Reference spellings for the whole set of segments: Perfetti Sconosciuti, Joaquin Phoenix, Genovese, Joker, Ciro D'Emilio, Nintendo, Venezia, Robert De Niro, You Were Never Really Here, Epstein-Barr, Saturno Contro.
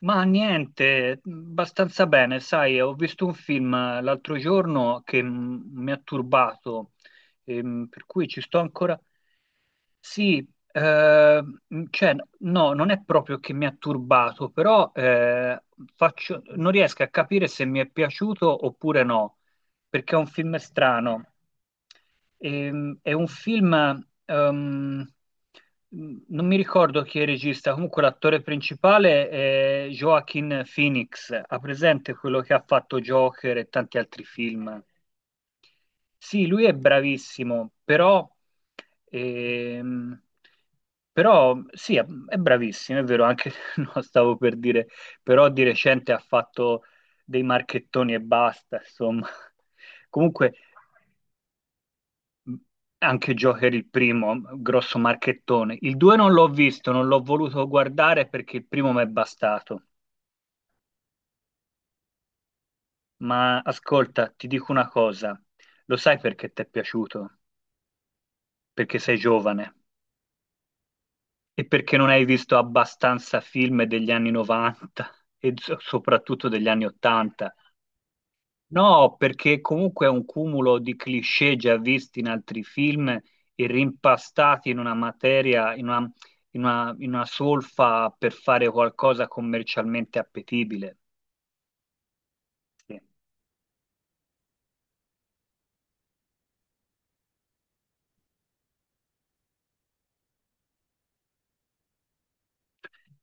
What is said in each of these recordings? Ma niente, abbastanza bene, sai, ho visto un film l'altro giorno che mi ha turbato, per cui ci sto ancora, sì, ehm, cioè, no, non è proprio che mi ha turbato, però non riesco a capire se mi è piaciuto oppure no, perché è un film strano. È un film, ehm, non mi ricordo chi è il regista, comunque l'attore principale è Joaquin Phoenix, ha presente quello che ha fatto Joker e tanti altri film? Sì, lui è bravissimo, ehm, però sì, è bravissimo, è vero, anche no, stavo per dire, però di recente ha fatto dei marchettoni e basta, insomma. Comunque, mh, anche Joker il primo, grosso marchettone. Il 2 non l'ho visto, non l'ho voluto guardare perché il primo mi è bastato. Ma ascolta, ti dico una cosa, lo sai perché ti è piaciuto? Perché sei giovane. E perché non hai visto abbastanza film degli anni 90 e soprattutto degli anni 80? No, perché comunque è un cumulo di cliché già visti in altri film e rimpastati in una materia, in una solfa per fare qualcosa commercialmente appetibile. Sì.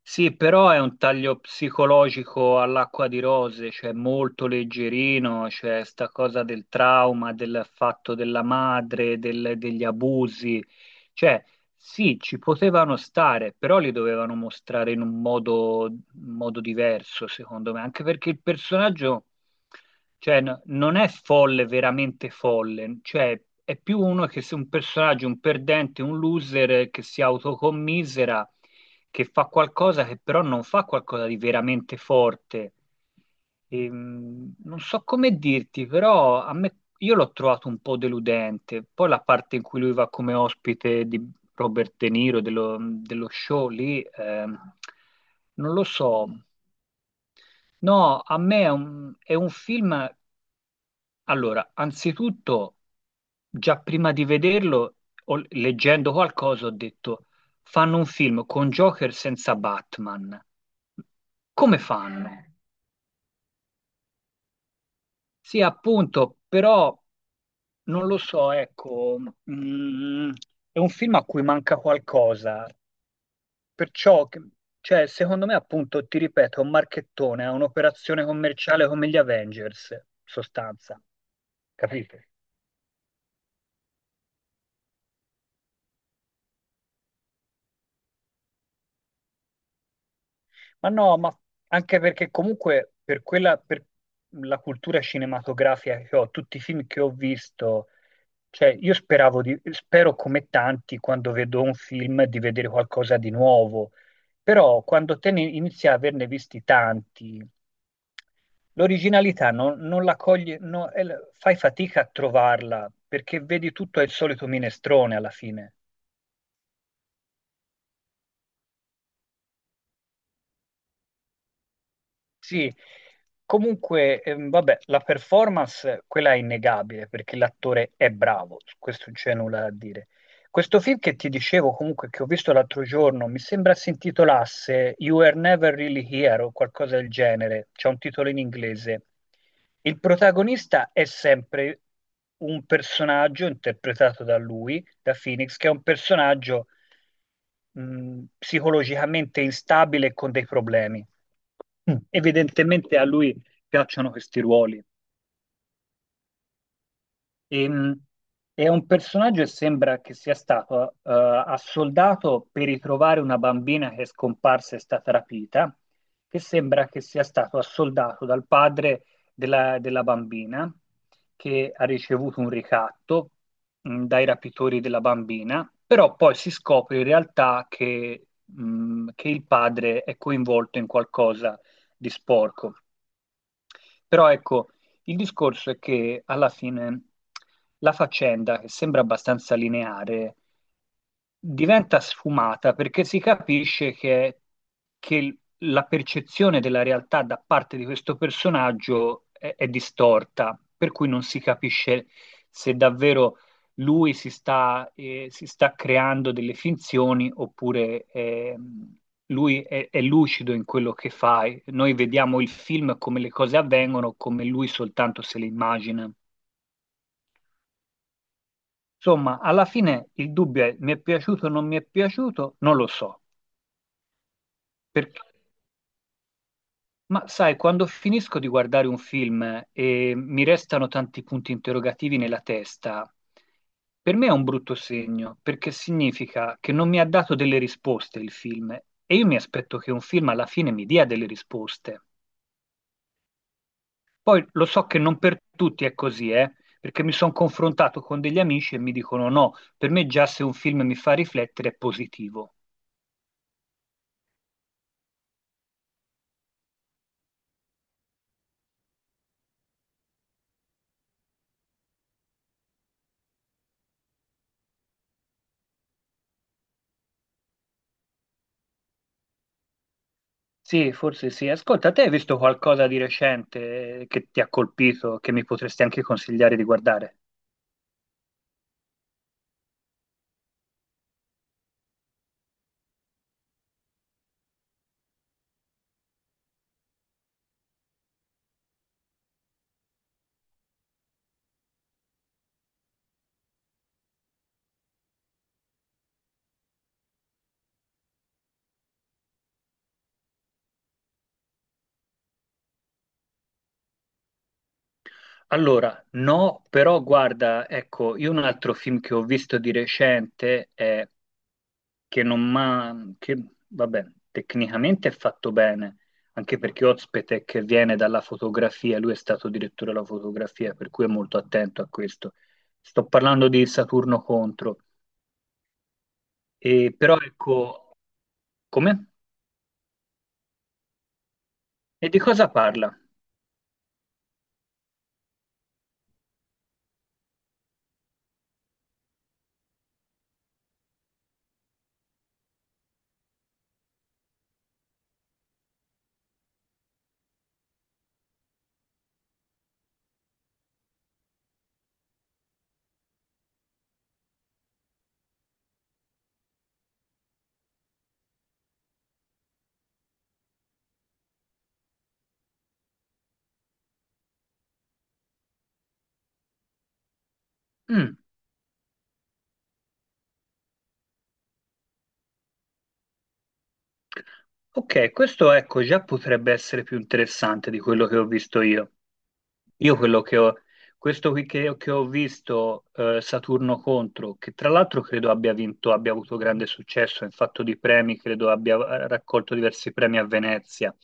Sì, però è un taglio psicologico all'acqua di rose, cioè molto leggerino, cioè sta cosa del trauma, del fatto della madre, degli abusi. Cioè, sì, ci potevano stare, però li dovevano mostrare in un modo diverso, secondo me, anche perché il personaggio. Cioè, non è folle, veramente folle, cioè è più uno che se un personaggio, un perdente, un loser che si autocommisera, che fa qualcosa che però non fa qualcosa di veramente forte. Non so come dirti, però a me, io l'ho trovato un po' deludente. Poi la parte in cui lui va come ospite di Robert De Niro, dello show lì, non lo so. No, a me è un film allora, anzitutto, già prima di vederlo, leggendo qualcosa, ho detto, fanno un film con Joker senza Batman. Come fanno? Sì, appunto, però non lo so, ecco, mm, è un film a cui manca qualcosa, perciò, cioè, secondo me, appunto, ti ripeto, è un marchettone, è un'operazione commerciale come gli Avengers, in sostanza, capito? Ma no, ma anche perché comunque per quella, per la cultura cinematografica che ho, tutti i film che ho visto, cioè io speravo di, spero come tanti quando vedo un film di vedere qualcosa di nuovo, però quando te ne inizi a averne visti tanti, l'originalità non la coglie, no, è fai fatica a trovarla perché vedi tutto è il solito minestrone alla fine. Sì, comunque, vabbè, la performance, quella è innegabile perché l'attore è bravo, su questo non c'è nulla da dire. Questo film che ti dicevo comunque che ho visto l'altro giorno, mi sembra si intitolasse You Were Never Really Here o qualcosa del genere, c'è un titolo in inglese. Il protagonista è sempre un personaggio interpretato da lui, da Phoenix, che è un personaggio psicologicamente instabile e con dei problemi. Evidentemente a lui piacciono questi ruoli. Ehm, è un personaggio che sembra che sia stato assoldato per ritrovare una bambina che è scomparsa e è stata rapita, che sembra che sia stato assoldato dal padre della bambina, che ha ricevuto un ricatto dai rapitori della bambina, però poi si scopre in realtà che il padre è coinvolto in qualcosa di sporco. Però ecco, il discorso è che alla fine la faccenda, che sembra abbastanza lineare, diventa sfumata perché si capisce che la percezione della realtà da parte di questo personaggio è distorta, per cui non si capisce se davvero lui si sta creando delle finzioni oppure, lui è lucido in quello che fa. E noi vediamo il film come le cose avvengono, come lui soltanto se le immagina. Insomma, alla fine il dubbio è mi è piaciuto o non mi è piaciuto? Non lo so. Perché- ma sai, quando finisco di guardare un film e mi restano tanti punti interrogativi nella testa, per me è un brutto segno, perché significa che non mi ha dato delle risposte il film e io mi aspetto che un film alla fine mi dia delle risposte. Poi lo so che non per tutti è così, perché mi sono confrontato con degli amici e mi dicono no, per me già se un film mi fa riflettere è positivo. Sì, forse sì. Ascolta, te hai visto qualcosa di recente che ti ha colpito, che mi potresti anche consigliare di guardare? Allora, no, però guarda, ecco, io un altro film che ho visto di recente è che non ma che vabbè, tecnicamente è fatto bene, anche perché Ozpete che viene dalla fotografia, lui è stato direttore della fotografia, per cui è molto attento a questo. Sto parlando di Saturno Contro, però ecco, come? E di cosa parla? Mm. Ok, questo ecco già potrebbe essere più interessante di quello che ho visto io. Io quello che ho, questo qui che ho visto, Saturno contro, che tra l'altro credo abbia vinto, abbia avuto grande successo in fatto di premi, credo abbia raccolto diversi premi a Venezia.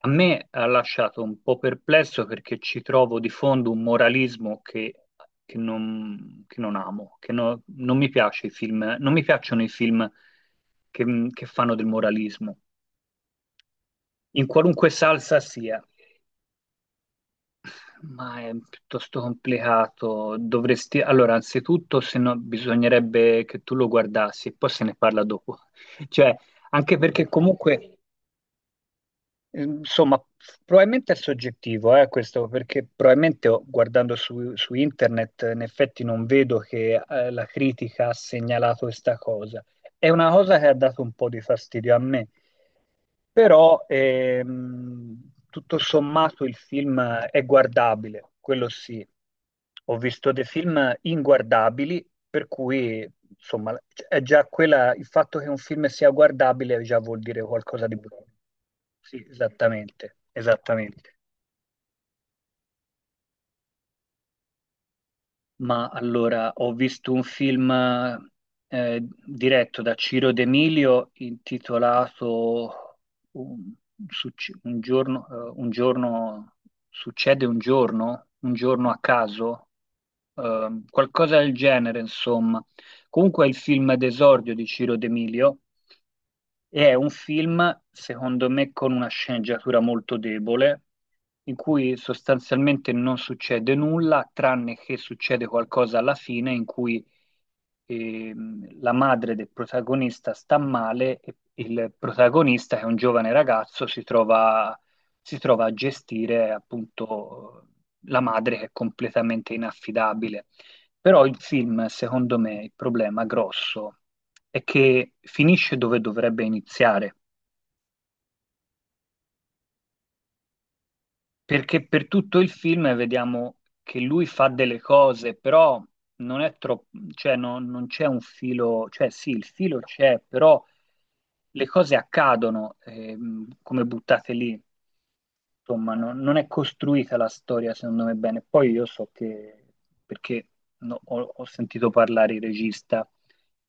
A me ha lasciato un po' perplesso perché ci trovo di fondo un moralismo che non, che non amo, che no- non mi piace i film, non mi piacciono i film che che fanno del moralismo in qualunque salsa sia, ma è piuttosto complicato. Dovresti, allora, anzitutto, se no, bisognerebbe che tu lo guardassi e poi se ne parla dopo. Cioè, anche perché comunque, insomma, probabilmente è soggettivo, questo, perché probabilmente oh, guardando su internet, in effetti non vedo che la critica ha segnalato questa cosa. È una cosa che ha dato un po' di fastidio a me. Però tutto sommato il film è guardabile, quello sì. Ho visto dei film inguardabili, per cui insomma è già quella, il fatto che un film sia guardabile già vuol dire qualcosa di buono. Sì, esattamente, esattamente. Ma allora, ho visto un film diretto da Ciro D'Emilio intitolato Un, succe- un giorno- succede un giorno a caso, qualcosa del genere, insomma. Comunque è il film d'esordio di Ciro D'Emilio e è un film, secondo me, con una sceneggiatura molto debole, in cui sostanzialmente non succede nulla, tranne che succede qualcosa alla fine in cui la madre del protagonista sta male e il protagonista, che è un giovane ragazzo, si trova, a gestire appunto la madre che è completamente inaffidabile. Però il film, secondo me, il problema grosso è che finisce dove dovrebbe iniziare, perché per tutto il film vediamo che lui fa delle cose, però non è troppo, cioè non c'è un filo, cioè sì, il filo c'è, però le cose accadono come buttate lì. Insomma, non è costruita la storia, secondo me, bene. Poi io so che, perché no, ho sentito parlare il regista,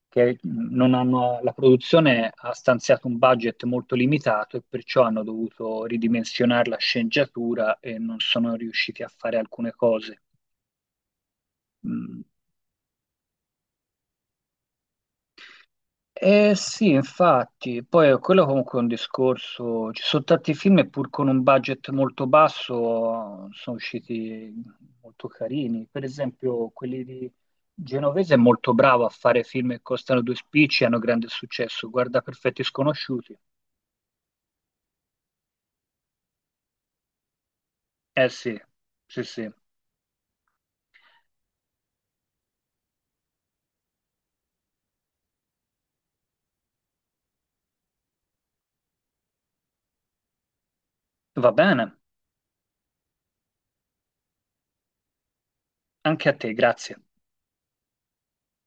che non hanno, la produzione ha stanziato un budget molto limitato e perciò hanno dovuto ridimensionare la sceneggiatura e non sono riusciti a fare alcune cose. Mm, eh sì, infatti, poi quello comunque è un discorso, ci sono tanti film e pur con un budget molto basso sono usciti molto carini, per esempio quelli di Genovese è molto bravo a fare film che costano due spicci e hanno grande successo, guarda Perfetti Sconosciuti. Eh sì, sì sì, va bene, anche a te, grazie.